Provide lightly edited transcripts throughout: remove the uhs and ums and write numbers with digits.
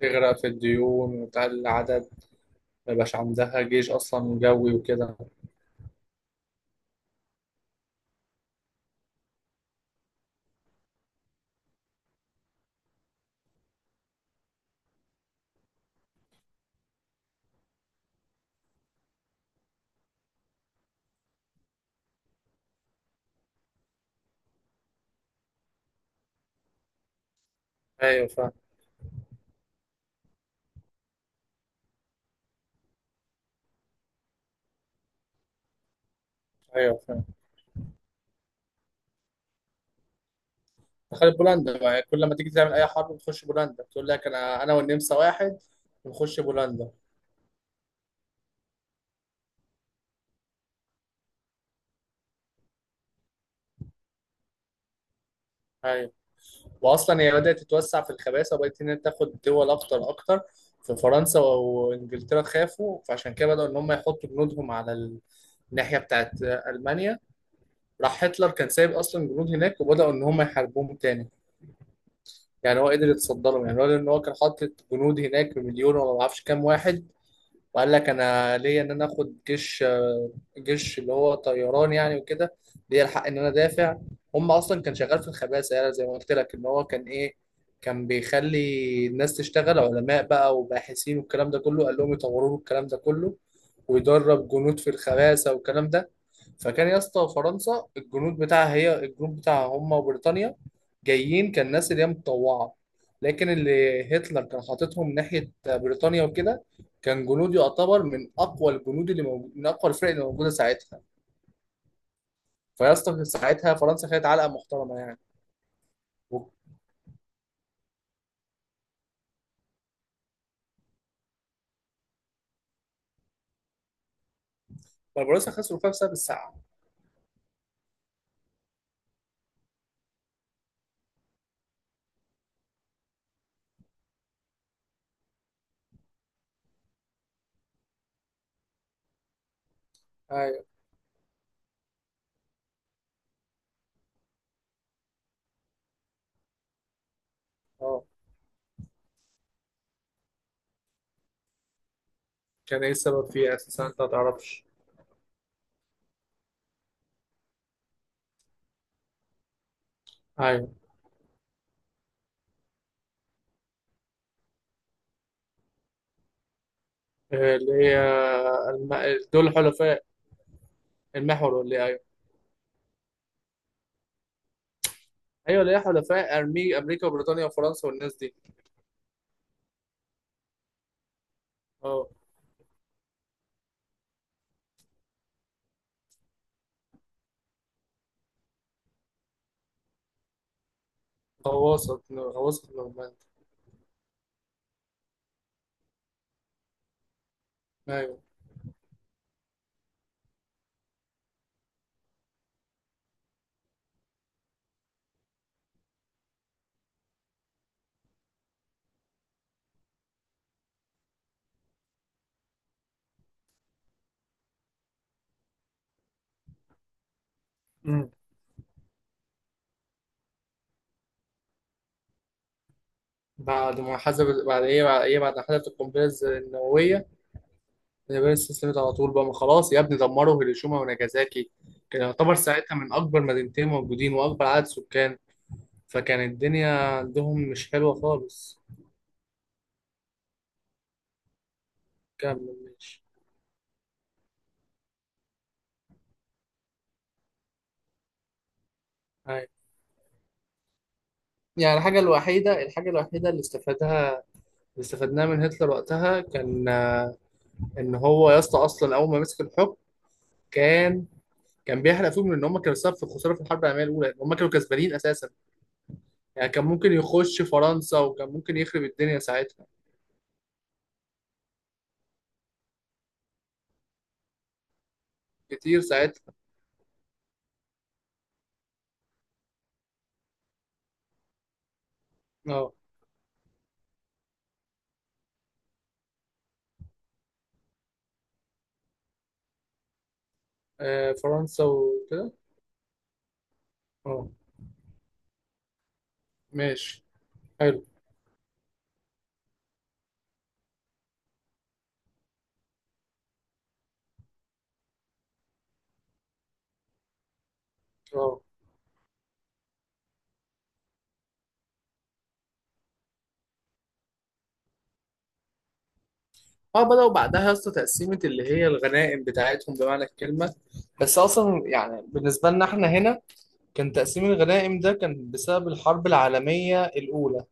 تغرق في الديون وتقل عدد. ما يبقاش عندها جيش أصلا جوي وكده. أيوة، فاهم. أيوة، فاهم. دخلت بولندا بقى، يعني كل ما تيجي تعمل أي حرب بتخش بولندا، تقول لك أنا والنمسا واحد ونخش بولندا. أيوة. وأصلا هي بدأت تتوسع في الخباثة وبقت إن هي تاخد دول أكتر أكتر. ففرنسا وإنجلترا خافوا، فعشان كده بدأوا إن هم يحطوا جنودهم على الناحية بتاعت ألمانيا. راح هتلر كان سايب أصلا جنود هناك، وبدأوا إن هم يحاربوهم تاني. يعني هو قدر يتصدى لهم، يعني هو لان هو كان حاطط جنود هناك بمليون ولا ما اعرفش كام واحد. وقال لك انا ليا ان انا اخد جيش اللي هو طيران يعني وكده. ليا الحق ان انا دافع. هم اصلا كان شغال في الخباثه، يعني زي ما قلت لك ان هو كان ايه، كان بيخلي الناس تشتغل علماء بقى وباحثين والكلام ده كله، قال لهم يطوروا له الكلام ده كله، ويدرب جنود في الخباثه والكلام ده. فكان يا اسطى فرنسا الجنود بتاعها هي، الجنود بتاعها هم وبريطانيا جايين، كان ناس اللي هي متطوعه. لكن اللي هتلر كان حاططهم ناحيه بريطانيا وكده كان جنود يعتبر من اقوى الجنود اللي موجود، من اقوى الفرق اللي موجوده ساعتها. فيا اسطى ساعتها فرنسا خدت علقه محترمه يعني. و- فرنسا خسروا فيها بسبب الساعه. ايوه. اه. كان ايه السبب فيها اساسا؟ انت ما تعرفش. ايوه. اللي هي الم... دول حلفاء، المحور، ولا ايه؟ ايوه. ايوه، اللي هي حلفاء، امريكا وبريطانيا وفرنسا والناس دي. اه. غواصه غواصه نورماندي. ايوه. امم بعد ما حسب بعد ايه، بعد ما حسبت القنبله النوويه؟ اليابان استسلمت على طول بقى، ما خلاص يا ابني، دمروا هيروشيما وناجازاكي. كان يعتبر ساعتها من أكبر مدينتين موجودين وأكبر عدد سكان، فكان الدنيا عندهم مش حلوة خالص. كمل ماشي. هاي. يعني الحاجة الوحيدة اللي استفادها، اللي استفدناها من هتلر وقتها كان إن هو يا اسطى أصلا أول ما مسك الحكم كان كان بيحرق فيهم، لأن هم كانوا سبب في الخسارة في الحرب العالمية الأولى، هم كانوا كسبانين أساسا. يعني كان ممكن يخش فرنسا وكان ممكن يخرب الدنيا ساعتها. كتير ساعتها. اه. آه، فرنسا وكده. اه. ماشي. حلو. اه، اه، بدأوا بعدها يا اسطى تقسيمة اللي هي الغنائم بتاعتهم بمعنى الكلمة. بس أصلا يعني بالنسبة لنا احنا هنا كان تقسيم الغنائم ده كان بسبب الحرب العالمية الأولى،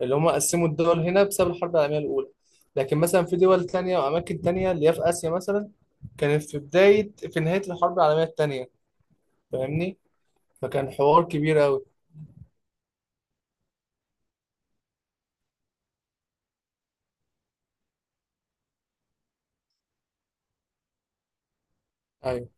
اللي هم قسموا الدول هنا بسبب الحرب العالمية الأولى. لكن مثلا في دول تانية وأماكن تانية اللي هي في آسيا مثلا كانت في نهاية الحرب العالمية التانية. فاهمني؟ فكان حوار كبير أوي. أيوه.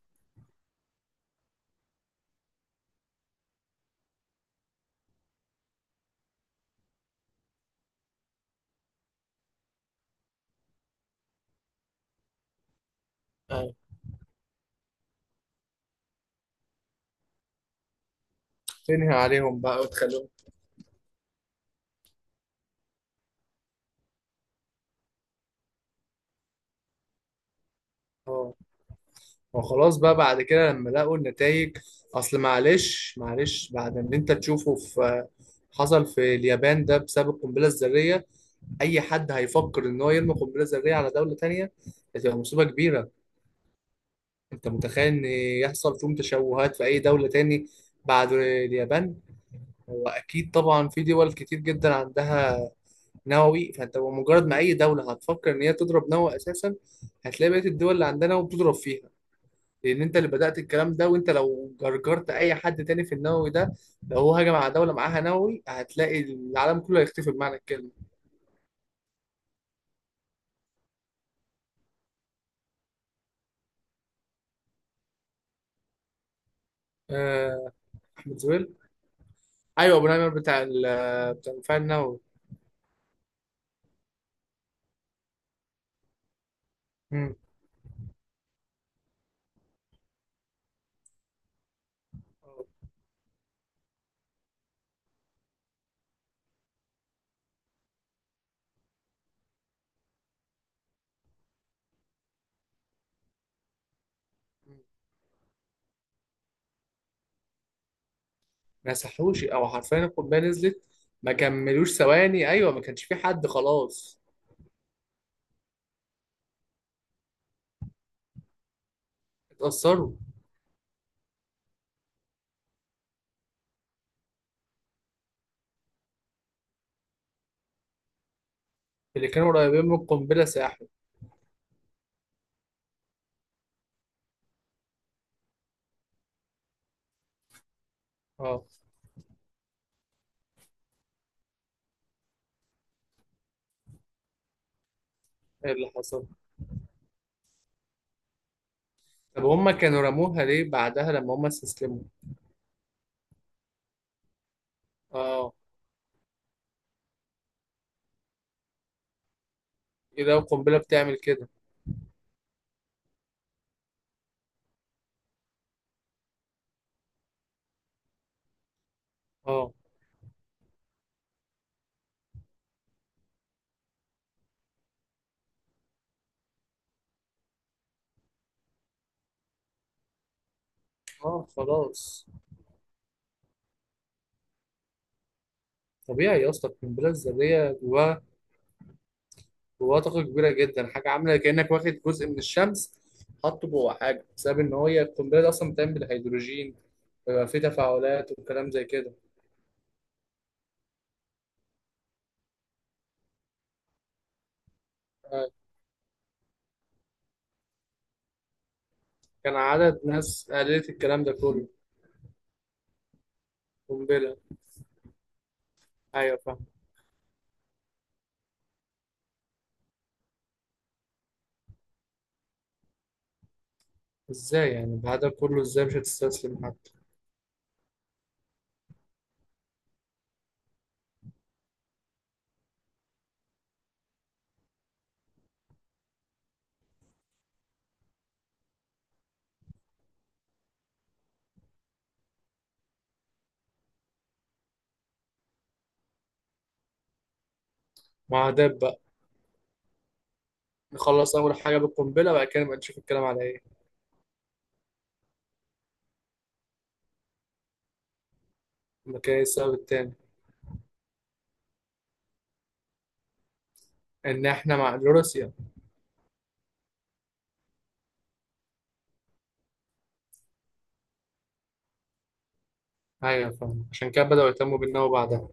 أيوه. تنهي عليهم بقى وتخليهم. اه. وخلاص بقى، بعد كده لما لقوا النتائج. اصل معلش، معلش، بعد اللي انت تشوفه في، حصل في اليابان ده بسبب القنبله الذريه، اي حد هيفكر ان هو يرمي قنبله ذريه على دوله تانية هتبقى مصيبه كبيره. انت متخيل ان يحصل فيهم تشوهات في اي دوله تاني بعد اليابان؟ هو اكيد طبعا في دول كتير جدا عندها نووي، فانت مجرد ما اي دوله هتفكر ان هي تضرب نووي اساسا، هتلاقي بقيه الدول اللي عندها نووي بتضرب فيها، لان انت اللي بدات الكلام ده. وانت لو جرجرت اي حد تاني في النووي ده، لو هو هجم على دوله معاها نووي، هتلاقي العالم كله هيختفي بمعنى الكلمه. آه، احمد زويل. ايوه، ابو نمر بتاع بتاع المفاعل النووي. مم. مسحوش، او حرفيا القنبله نزلت. ما كملوش ثواني، ايوه، ما كانش في حد خلاص. اتأثروا. اللي كانوا قريبين من القنبله ساحوا. اه. ايه اللي حصل؟ طب هم كانوا رموها ليه بعدها لما هم استسلموا؟ اه. ايه ده؟ القنبله بتعمل كده؟ اه. اه، خلاص. طبيعي يا اسطى القنبله الذريه جواها طاقه كبيره جدا، حاجه عامله كانك واخد جزء من الشمس حاطه جوه حاجه، بسبب ان هي القنبله دي اصلا بتعمل بالهيدروجين، بيبقى فيه تفاعلات وكلام زي كده. آه، كان عدد ناس قالت الكلام ده كله. قنبله. ايوه فاهم. ازاي يعني؟ بعد ده كله ازاي مش هتستسلم حتى؟ معادات بقى. نخلص اول حاجه بالقنبله، بعد كده نبقى نشوف الكلام على ايه. ما كان إيه السبب التاني؟ ان احنا مع روسيا. ايوه فاهم، عشان كده بداوا يهتموا بالنووي بعدها.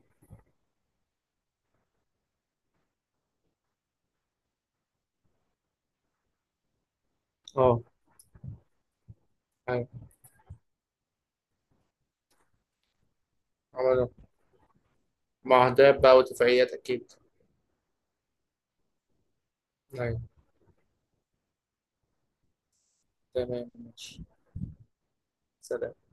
اه. أيوة. عملوا. معاهدات بقى واتفاقيات أكيد. أيوة. تمام ماشي. سلام.